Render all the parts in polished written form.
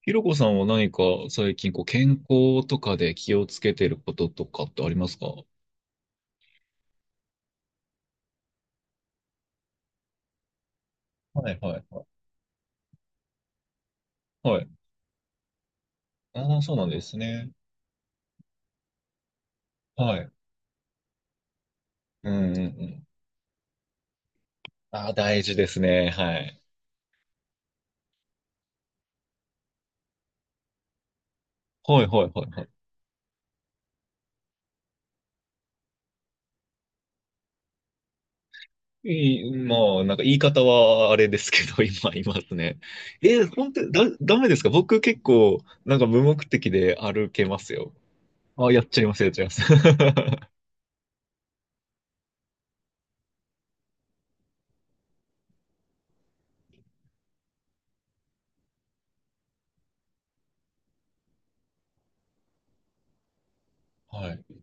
ひろこさんは何か最近こう健康とかで気をつけてることとかってありますか？はいはいはい。はい。ああ、そうなんですね。はい。うんうんうん。ああ、大事ですね。はい。はいはいはいはい。いい、まあ、なんか言い方はあれですけど、今いますね。え、本当にダメですか？僕結構、なんか無目的で歩けますよ。ああ、やっちゃいます、やっちゃいます。はい。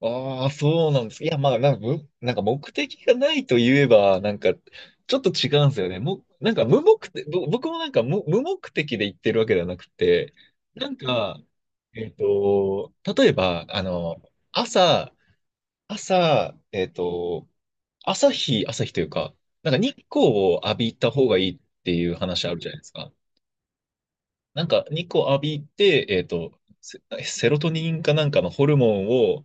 ああ、そうなんです。いや、まあ、なんかむ、なんか目的がないと言えば、なんか、ちょっと違うんですよね。なんか無目的、僕もなんか無目的で言ってるわけではなくて、なんか、例えば、朝、朝、朝日というか、なんか日光を浴びた方がいいっていう話あるじゃないですか。なんか日光浴びて、セロトニンかなんかのホルモンを、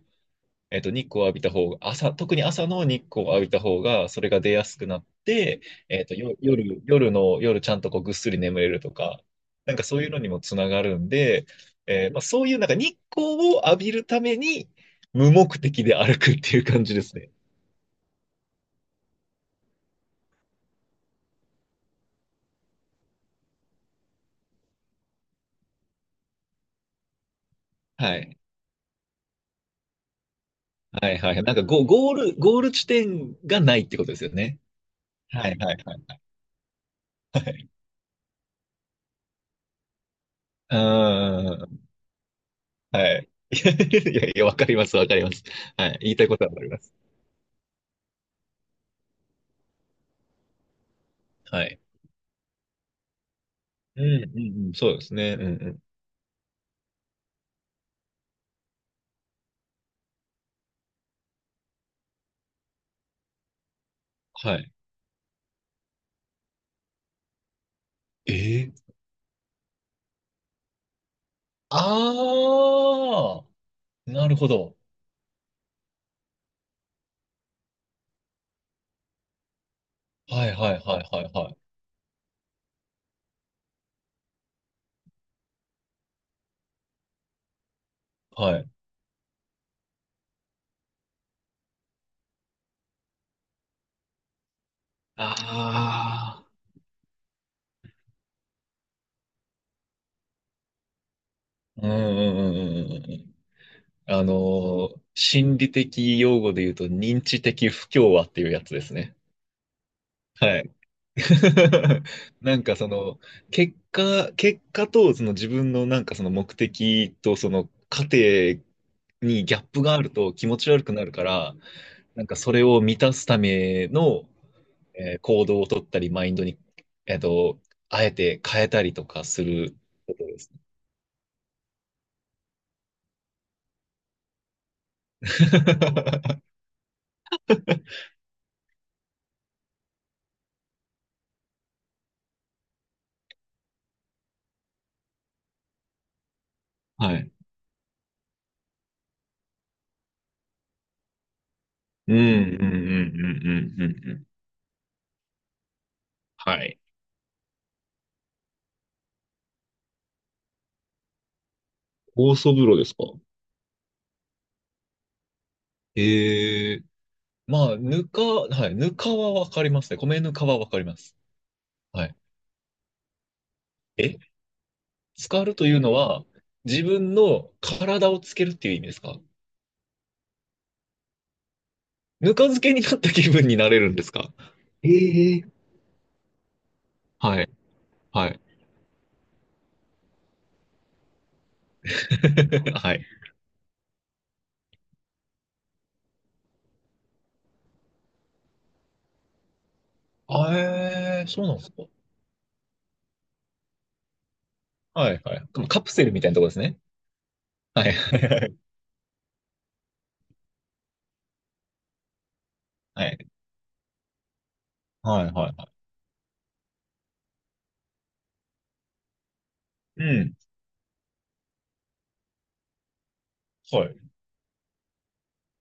日光を浴びた方が、朝、特に朝の日光を浴びた方が、それが出やすくなって、えっと、よ、夜、夜の、夜ちゃんとこうぐっすり眠れるとか、なんかそういうのにもつながるんで、まあ、そういうなんか日光を浴びるために、無目的で歩くっていう感じですね。はい。はいはいはい。なんかゴール地点がないってことですよね。はいはいはいはい。うーん。はい。いやいや、わかります、わかります。はい。言いたいことはわかります。はい。うん、うん、うん、そうですね。うん、うん。はい。ええああー、なるほど。はい、はい、はい、はい、はい。はい。ああ、うん、うん、うん、うんうんうん。あの心理的用語で言うと、認知的不協和っていうやつですね。はい。なんかその結果とその自分のなんかその目的とその過程にギャップがあると気持ち悪くなるから、なんかそれを満たすための、行動を取ったり、マインドに、えっと、あえて変えたりとかすることです。はい。うん、うん、うん、うん、うん、うん。うんはい。酵素風呂ですか？ええまあ、ぬか、はい、ぬかはわかりますね。米ぬかはわかります。はい。え、浸かるというのは、自分の体をつけるっていう意味ですか？ぬか漬けになった気分になれるんですか？ええはい。はい。はい。あ、そうなんですか？はいはい。でもカプセルみたいなとこですね。はい。はいはい。はいはいはい。うん。はい。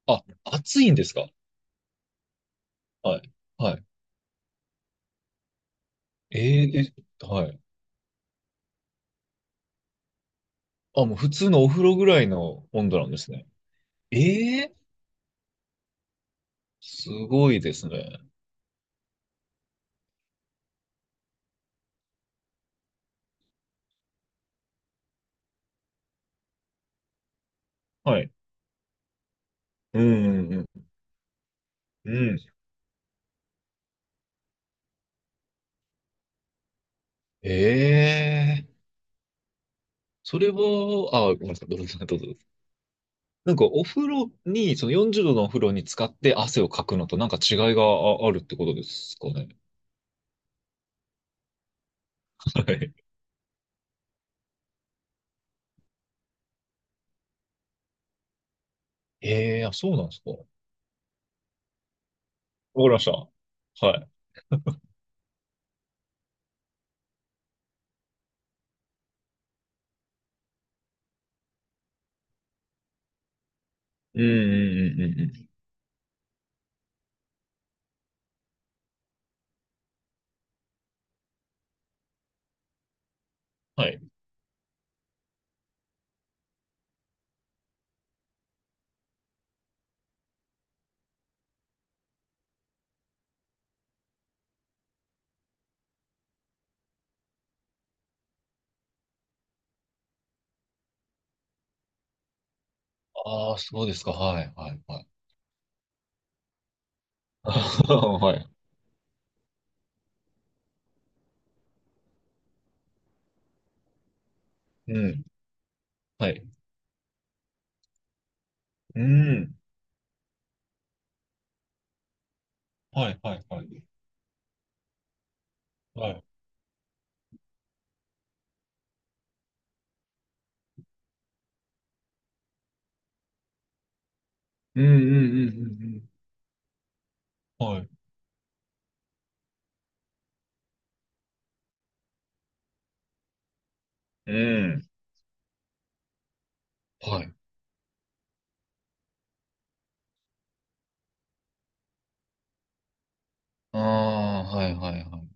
あ、暑いんですか？はい。はい。えー、え、はい。あ、もう普通のお風呂ぐらいの温度なんですね。ええすごいですね。はい。うんうんうん。うんええそれは、あ、ごめんなさい、どうぞ、どうぞ。なんか、お風呂に、その40度のお風呂に使って汗をかくのとなんか違いがあるってことですかね？はい。ええあ、そうなんですか？わかりました。はい。うんうんうんうんうん。はい。ああ、そうですか？はい、はい、はい。はい。うん。はい。うん。はい、はい、はい。はい。うん、うん、うん、うん。うんはい。うん。はい。ああ、はい、はい、はい。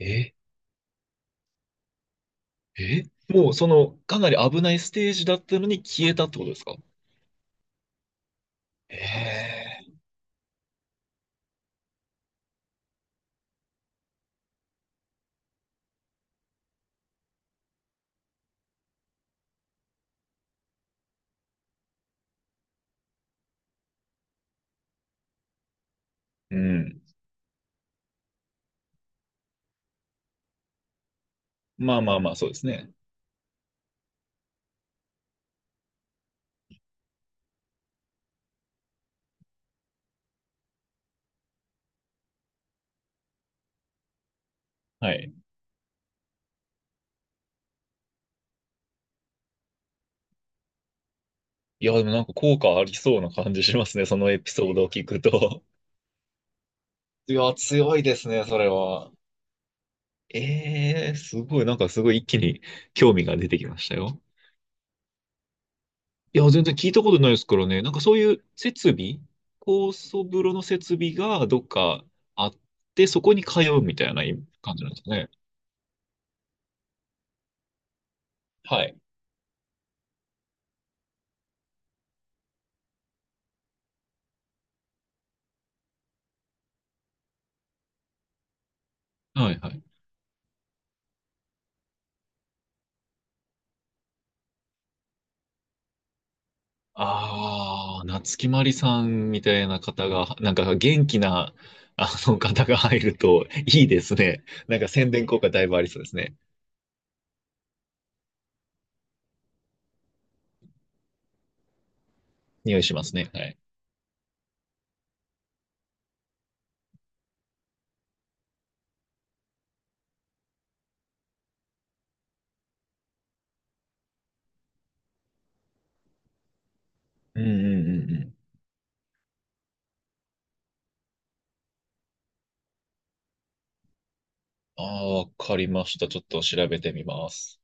ええもうそのかなり危ないステージだったのに消えたってことですか？ええうん。まあまあまあ、そうですね。はい。いや、でもなんか効果ありそうな感じしますね。そのエピソードを聞くと。いや、強いですね、それは。ええすごい、なんかすごい一気に興味が出てきましたよ。いや、全然聞いたことないですからね。なんかそういう設備、高層風呂の設備がどっかあって、そこに通うみたいな感じなんですね。はい。はいはい。ああ、夏木マリさんみたいな方が、なんか元気な、あの方が入るといいですね。なんか宣伝効果だいぶありそうですね。匂いしますね。はい。うんうんうんうん。ああ、わかりました。ちょっと調べてみます。